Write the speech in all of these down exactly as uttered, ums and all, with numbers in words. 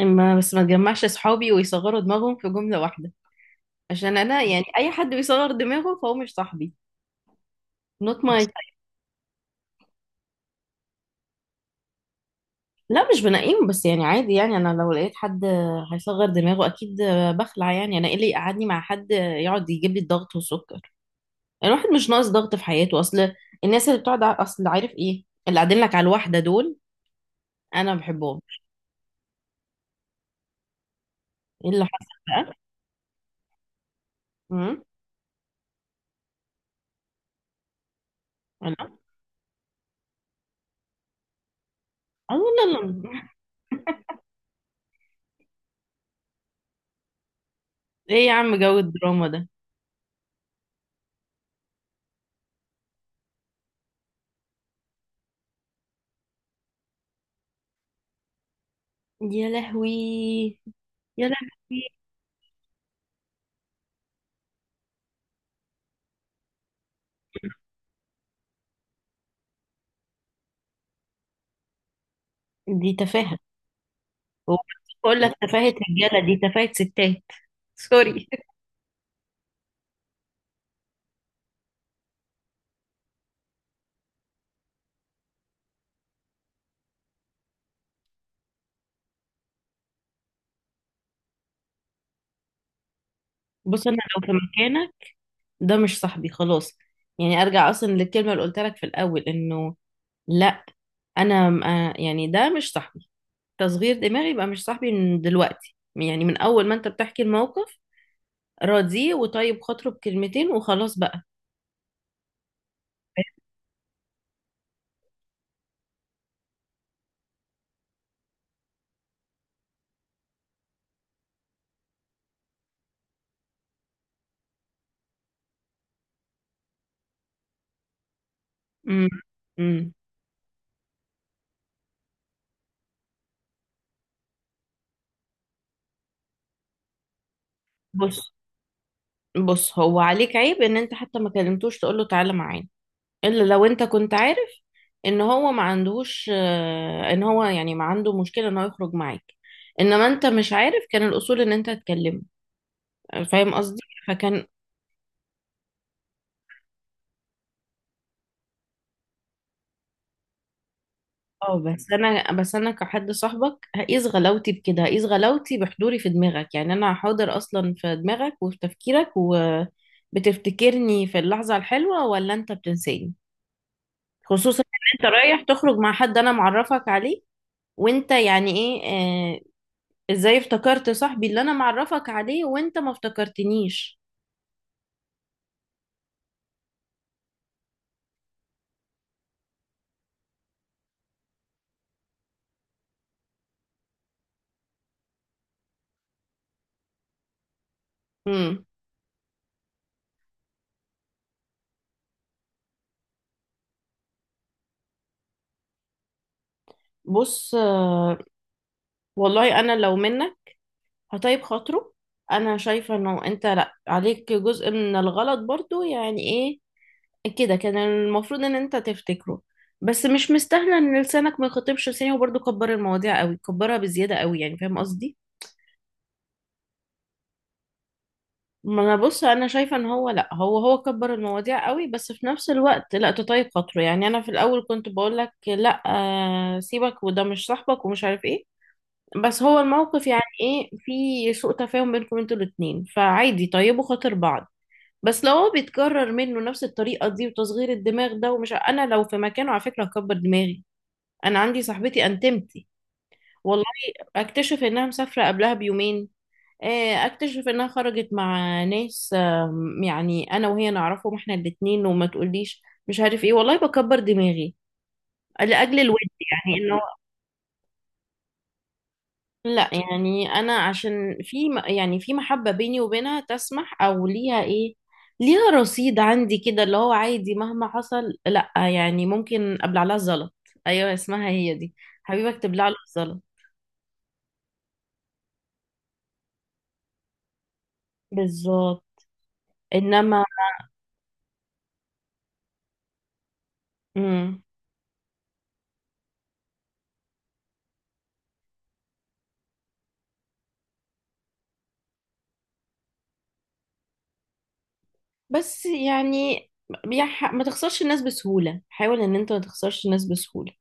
ما بس ما تجمعش صحابي ويصغروا دماغهم في جملة واحدة. عشان انا يعني اي حد بيصغر دماغه فهو مش صاحبي. Not my type. لا مش بنقيم، بس يعني عادي، يعني انا لو لقيت حد هيصغر دماغه اكيد بخلع. يعني انا ايه اللي يقعدني مع حد يقعد يجيب لي الضغط والسكر؟ الواحد مش ناقص ضغط في حياته. اصل الناس اللي بتقعد ع- اصل عارف ايه اللي قاعدين لك على الواحدة دول، انا ما بحبهم. ايه اللي حصل؟ بقى. امم لا، اه لا لا. ايه يا عم جو الدراما ده؟ يا لهوي. يا لهوي. دي تفاهة. هو بقول لك تفاهة رجالة، دي تفاهة ستات. سوري. بص انا لو في مكانك ده مش صاحبي خلاص. يعني ارجع اصلا للكلمة اللي قلت لك في الاول، انه لا، انا م- آه، يعني ده مش صاحبي. تصغير دماغي يبقى مش صاحبي من دلوقتي، يعني من اول ما انت بتحكي الموقف. راضيه وطيب خاطره بكلمتين وخلاص بقى. امم امم بص، بص، هو عليك عيب ان انت حتى ما كلمتوش تقول له تعالى معانا. الا لو انت كنت عارف ان هو ما عندهوش آه، ان هو يعني ما عنده مشكلة ان هو يخرج معاك. انما انت مش عارف، كان الاصول ان انت تتكلم. فاهم قصدي؟ فكان اه بس انا بس انا كحد صاحبك هقيس غلاوتي بكده، هقيس غلاوتي بحضوري في دماغك. يعني انا حاضر اصلا في دماغك وفي تفكيرك، وبتفتكرني في اللحظة الحلوة ولا انت بتنساني؟ خصوصا ان انت رايح تخرج مع حد انا معرفك عليه، وانت يعني ايه آه، ازاي افتكرت صاحبي اللي انا معرفك عليه وانت ما افتكرتنيش؟ امم بص، آه، والله انا لو منك هطيب خاطره. انا شايفه انه انت لا عليك جزء من الغلط برضو، يعني ايه كده كان المفروض ان انت تفتكره. بس مش مستاهله ان لسانك ما يخاطبش لساني، وبرضو كبر المواضيع قوي، كبرها بزياده قوي يعني. فاهم قصدي؟ ما انا بص انا شايفه ان هو لا هو هو كبر المواضيع قوي، بس في نفس الوقت لا تطيب خاطره. يعني انا في الاول كنت بقول لك لا، آه، سيبك وده مش صاحبك ومش عارف ايه. بس هو الموقف يعني ايه، في سوء تفاهم بينكم انتوا الاتنين، فعادي طيبوا خاطر بعض. بس لو هو بيتكرر منه نفس الطريقه دي وتصغير الدماغ ده، ومش ع- انا لو في مكانه على فكره هكبر دماغي. انا عندي صاحبتي انتمتي، والله، اكتشف انها مسافره قبلها بيومين، آه، اكتشف انها خرجت مع ناس، آم، يعني انا وهي نعرفهم احنا الاتنين، وما تقوليش مش عارف ايه. والله بكبر دماغي لاجل الود. يعني انه لا، يعني انا عشان في م- يعني في محبة بيني وبينها تسمح، او ليها ايه، ليها رصيد عندي كده اللي هو عادي، مهما حصل لا يعني، ممكن ابلع لها الزلط. ايوه اسمها هي دي، حبيبك تبلع له الزلط. بالظبط. انما مم. بس يعني بيح- ما تخسرش الناس بسهولة، حاول ان انت ما تخسرش الناس بسهولة.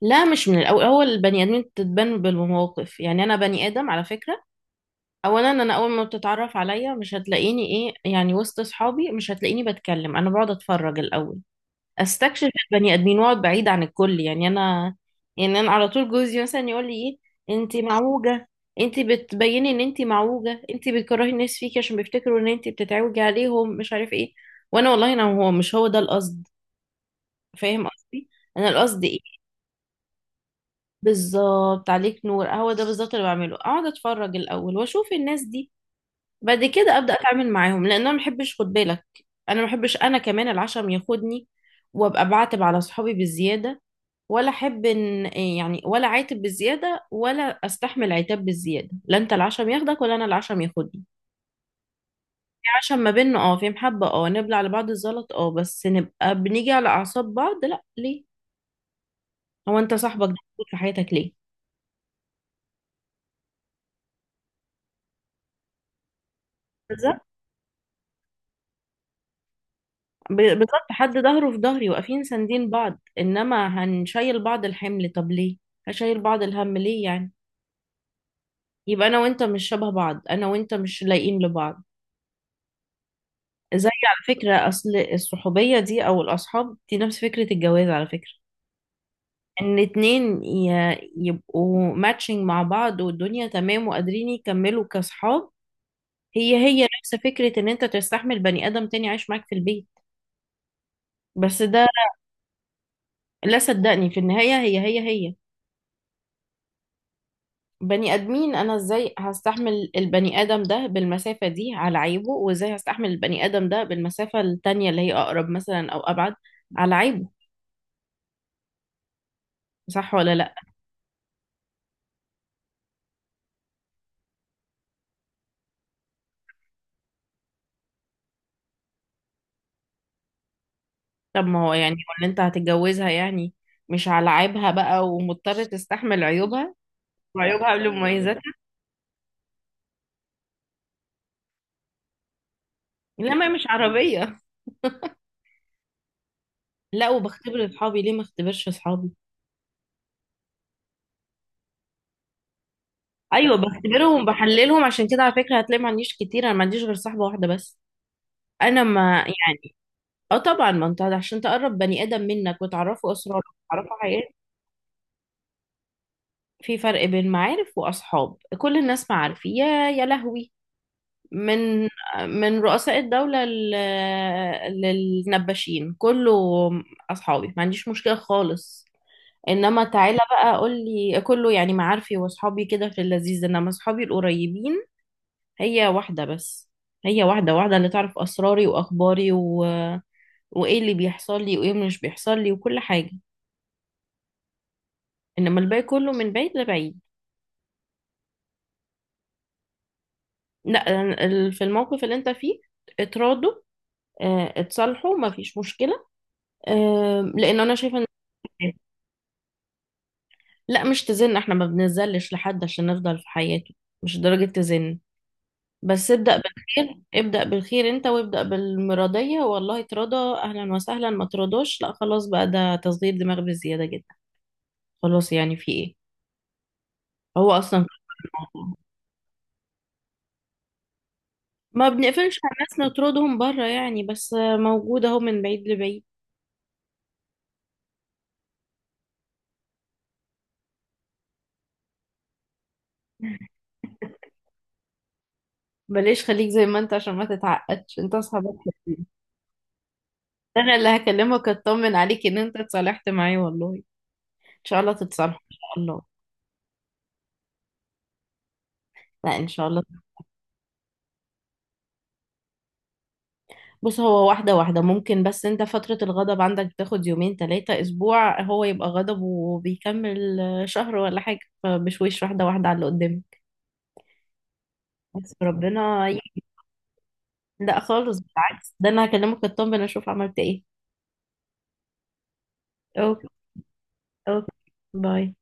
لا مش من الاول، هو البني ادمين بتتبان بالمواقف. يعني انا بني ادم على فكرة، اولا انا اول ما بتتعرف عليا مش هتلاقيني ايه يعني، وسط اصحابي مش هتلاقيني بتكلم، انا بقعد اتفرج الاول. استكشف البني ادمين واقعد بعيد عن الكل. يعني انا، يعني انا على طول جوزي مثلا يقول لي ايه، انت معوجه، انت بتبيني ان انت معوجه، انت بتكرهي الناس فيكي عشان بيفتكروا ان انت بتتعوجي عليهم مش عارف ايه. وانا والله انا، هو مش هو ده القصد. فاهم قصدي؟ انا القصد ايه، بالظبط عليك نور، هو ده بالظبط اللي بعمله، اقعد اتفرج الاول واشوف الناس دي، بعد كده ابدا اتعامل معاهم. لان انا ما بحبش، خد بالك، انا ما بحبش، انا كمان العشم ياخدني وابقى بعاتب على صحابي بالزياده، ولا احب ان، يعني ولا عاتب بالزياده ولا استحمل عتاب بالزياده. لا انت العشم ياخدك ولا انا العشم ياخدني. في عشم ما بيننا، اه، في محبه، اه، نبلع على بعض الزلط، اه، بس نبقى بنيجي على اعصاب بعض لا، ليه؟ هو انت صاحبك ده موجود في حياتك ليه؟ بالظبط. ب- بالظبط حد ظهره في ظهري، واقفين ساندين بعض، انما هنشيل بعض الحمل طب ليه؟ هشيل بعض الهم ليه يعني؟ يبقى انا وانت مش شبه بعض، انا وانت مش لايقين لبعض. زي على فكرة، اصل الصحوبية دي او الاصحاب دي نفس فكرة الجواز على فكرة. ان اتنين ي- يبقوا ماتشنج مع بعض والدنيا تمام وقادرين يكملوا كاصحاب. هي هي نفس فكرة ان انت تستحمل بني ادم تاني عايش معاك في البيت. بس ده، لا صدقني في النهاية هي هي هي بني ادمين. انا ازاي هستحمل البني ادم ده بالمسافه دي على عيبه، وازاي هستحمل البني ادم ده بالمسافه التانية اللي هي اقرب مثلا او ابعد على عيبه؟ صح ولا لا؟ طب ما هو يعني هو اللي انت هتتجوزها يعني، مش على عيبها بقى ومضطر تستحمل عيوبها، وعيوبها قبل مميزاتها. لا ما هي مش عربيه. لا، وبختبر اصحابي، ليه ما اختبرش اصحابي؟ ايوه بختبرهم بحللهم. عشان كده على فكره هتلاقي ما عنديش كتير، انا ما عنديش غير صاحبه واحده بس. انا ما يعني، اه طبعا، ما انت عشان تقرب بني ادم منك وتعرفه اسرارك وتعرفه حياتك. في فرق بين معارف واصحاب، كل الناس معارف يا، يا لهوي، من من رؤساء الدولة لل- للنباشين كله. اصحابي، ما عنديش مشكلة خالص. انما تعالى بقى قول لي، كله يعني معارفي واصحابي كده في اللذيذ، انما اصحابي القريبين هي واحدة بس. هي واحدة، واحدة اللي تعرف اسراري واخباري و... وايه اللي بيحصل لي وايه مش بيحصل لي وكل حاجة. انما الباقي كله من بعيد لبعيد. لا يعني ال- في الموقف اللي انت فيه اتراضوا، اه، اتصالحوا، ما فيش مشكلة. اه، لان انا شايفة ان، لا مش تزن، احنا ما بنزلش لحد عشان نفضل في حياته، مش درجة تزن. بس ابدأ بالخير، ابدأ بالخير انت وابدأ بالمرضية. والله ترضى اهلا وسهلا، ما ترضاش لا خلاص بقى، ده تصغير دماغ بزيادة جدا. خلاص يعني في ايه، هو اصلا كبر الموضوع. ما بنقفلش على الناس نطردهم بره يعني، بس موجود اهو من بعيد لبعيد. بلاش خليك زي ما انت عشان ما تتعقدش، انت اصحابك حلوين. انا اللي هكلمك اطمن عليك ان انت اتصالحت معاه، والله ان شاء الله تتصالحوا ان شاء الله. لا ان شاء الله. بص هو واحده واحده ممكن، بس انت فتره الغضب عندك تاخد يومين ثلاثه اسبوع، هو يبقى غضب وبيكمل شهر ولا حاجه، فبشويش واحده واحده على اللي قدامك. بس ربنا ي- لا خالص بالعكس، ده انا هكلمك اطمن اشوف عملت ايه. اوكي. اوكي. باي.